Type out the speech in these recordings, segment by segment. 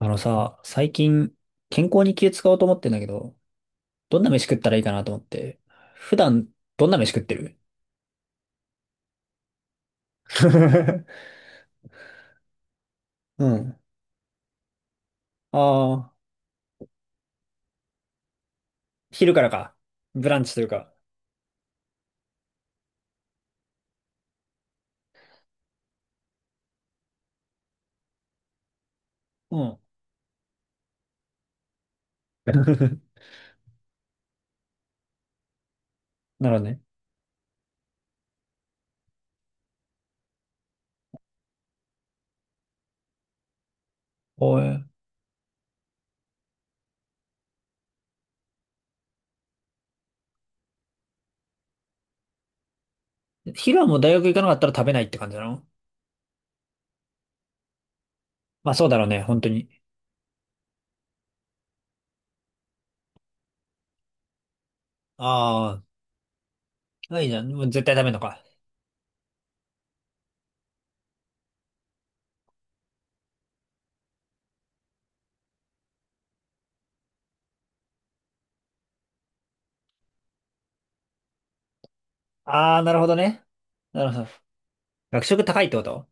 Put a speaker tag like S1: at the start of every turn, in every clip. S1: あのさ、最近健康に気使おうと思ってんだけど、どんな飯食ったらいいかなと思って、普段どんな飯食ってる？ うん。ああ、昼からか。ブランチというか。うん。なるほどね。おい。昼はもう大学行かなかったら食べないって感じなの？まあそうだろうね、本当に。ああ、いいじゃん。もう絶対食べんのか。ああ、なるほどね。なるほど。学食高いってこと？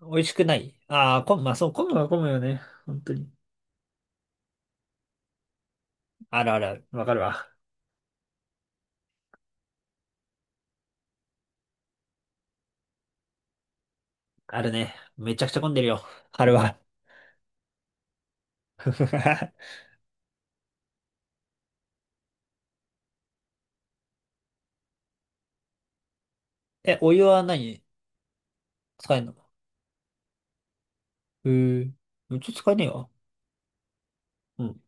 S1: 美味しくない？ああー、混む、まあそう、混むは混むよね。本当に。あるあるある。わかるわ。あるね。めちゃくちゃ混んでるよ。あれは。え、お湯は何使えんの？うー。うち使えねえわ。うん。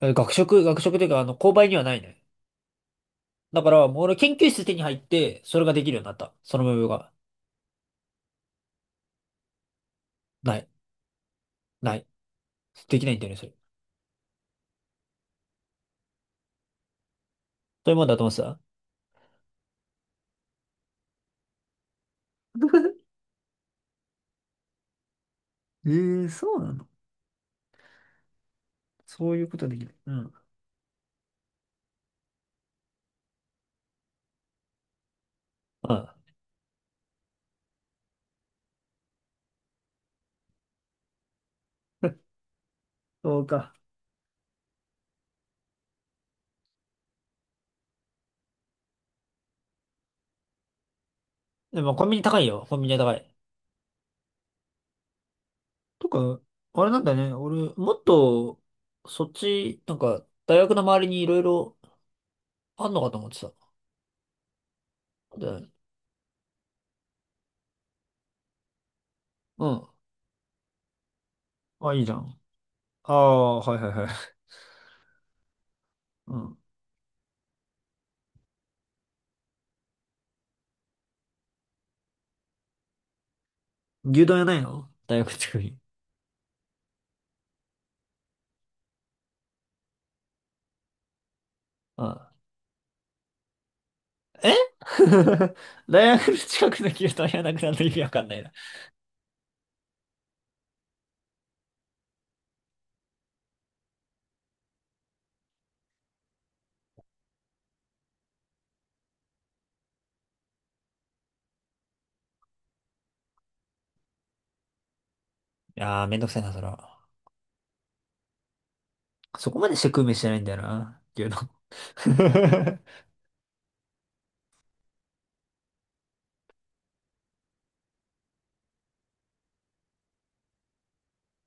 S1: え、学食というか、あの、購買にはないね。だから、もう俺研究室手に入って、それができるようになった。その部分が。ない。ない。できないんだよね、それ。そういうもんだと思ってた。えー、そうなの？そういうことできない。うん。うん。そうか。でもコンビニ高いよ。コンビニは高い。とか、あれなんだね。俺、もっと、そっち、なんか、大学の周りにいろいろあんのかと思ってた。で、うん。あ、いいじゃん。ああ、はいはいはい。うん。牛丼屋ないの大学近くに？あ、え 大学の近くの牛丼屋なくなるの意味わかんないな。いやー、めんどくさいな、そら。そこまでして食う飯じゃないんだよな、牛丼。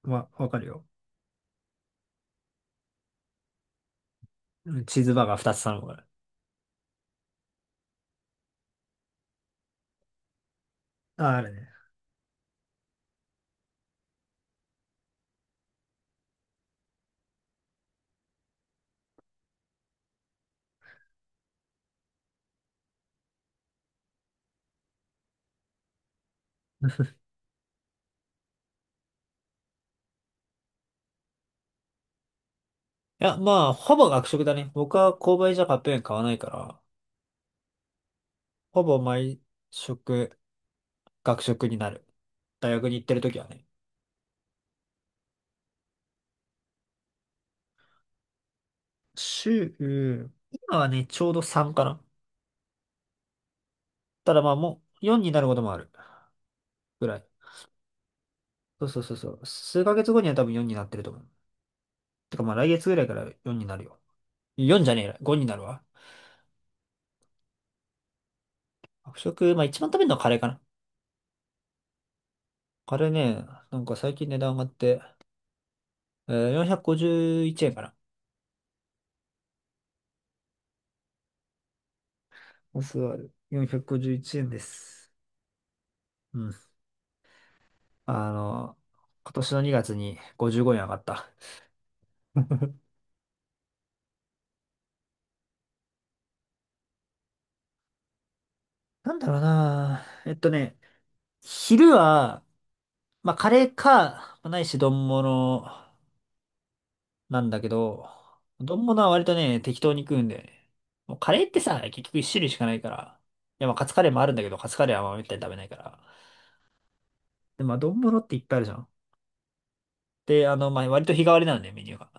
S1: まあ、わかるよ。うん。チーズバーガー2つ頼むから。あ、あるね。いや、まあ、ほぼ学食だね。僕は購買じゃカップ麺買わないから、ほぼ毎食、学食になる。大学に行ってる時はね。週、今はね、ちょうど3かな。ただまあもう4になることもあるぐらい。そうそうそうそう。数ヶ月後には多分4になってると思う。てかまあ来月ぐらいから4になるよ。4じゃねえや、5になるわ。学食、まあ一番食べるのはカレーかな。カレーね、なんか最近値段上がって、451円かな。お座る。451円です。うん。あの、今年の2月に55円上がった。なんだろうな。えっとね、昼は、まあ、カレーか、まあないし、丼物なんだけど、丼物は割とね、適当に食うんだよね。もうカレーってさ、結局一種類しかないから。いや、まあ、カツカレーもあるんだけど、カツカレーはまあめったに食べないから。で、まあ、丼物っていっぱいあるじゃん。で、あの、まあ、割と日替わりなんだよ、メニューが。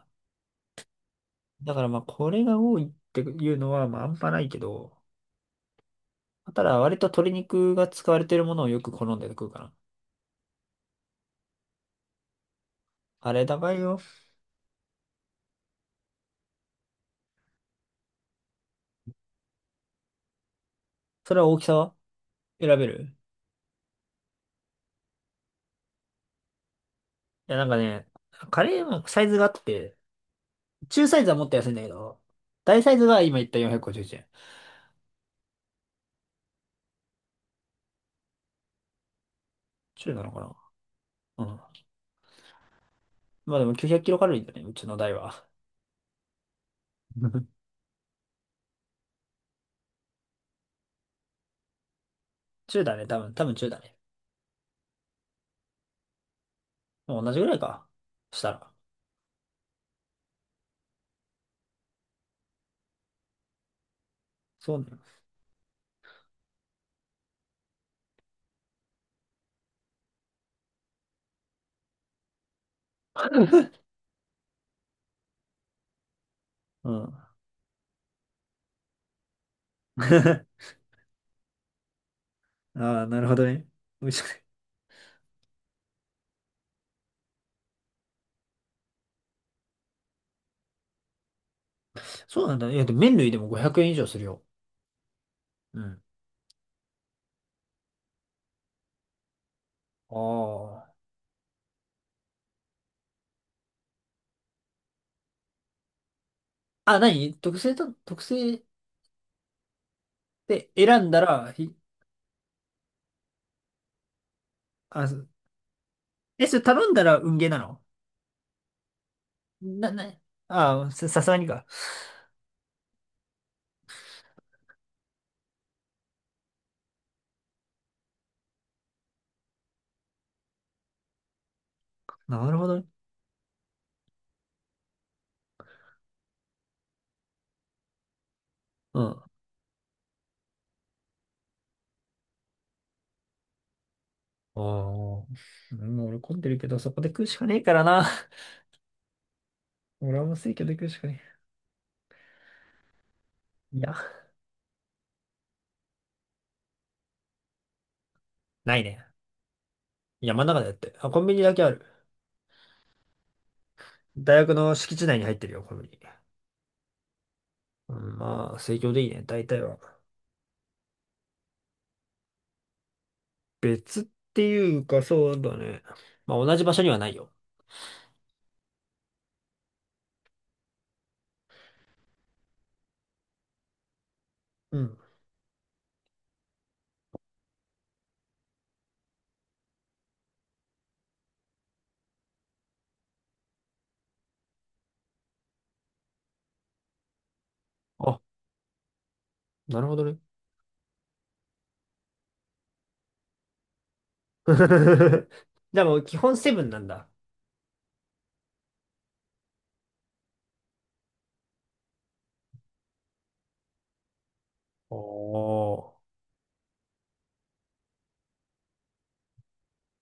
S1: だからまあ、これが多いっていうのは、まあ、あんまないけど、ただ、割と鶏肉が使われてるものをよく好んで食うかな。カレー高いよ。それは大きさは選べる？いや、なんかね、カレーもサイズがあって、中サイズはもっと安いんだけど、大サイズが今言った451円。中なのかな？うん。まあでも900キロカロリーだね、うちの台は。中だね、多分、多分中だね。もう同じぐらいか。したら。そうね。うん。ああ、なるほどね。美味しくない？そうなんだね。いや、でも麺類でも500円以上するよ。うん。ああ。あ、何特製で選んだら、あ、え、それ頼んだら運ゲーなの？な、な、ああ、ささすがにか。なるほどね。うん。ああ、もう俺混んでるけど、そこで食うしかねえからな。俺はもう生協で食うしかねえ。いや、ないね。山の中でやって。あ、コンビニだけある。大学の敷地内に入ってるよ、コンビニ。うん、まあ、生協でいいね、大体は。別っていうか、そうだね。まあ、同じ場所にはないよ。うん。あ、なるほどね。でも、基本セブンなんだ。おー。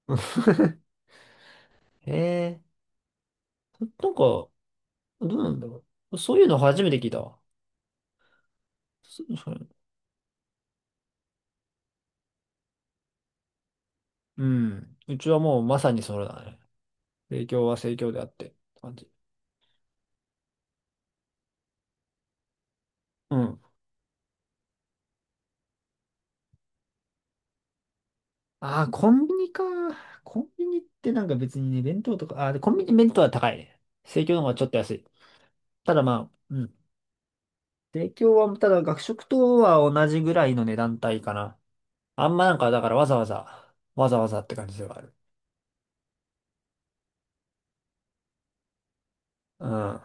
S1: へえー。なんか、どうなんだろう。そういうの初めて聞いたわ。そそうん。うちはもうまさにそれだね。生協は生協であって、感じ。うん。ああ、コンビニか。コンビニってなんか別にね、弁当とか、ああ、でコンビニ弁当は高いね。生協の方がちょっと安い。ただまあ、うん。生協は、ただ学食とは同じぐらいの値段帯かな。あんまなんか、だからわざわざ、わざわざって感じではある。うん。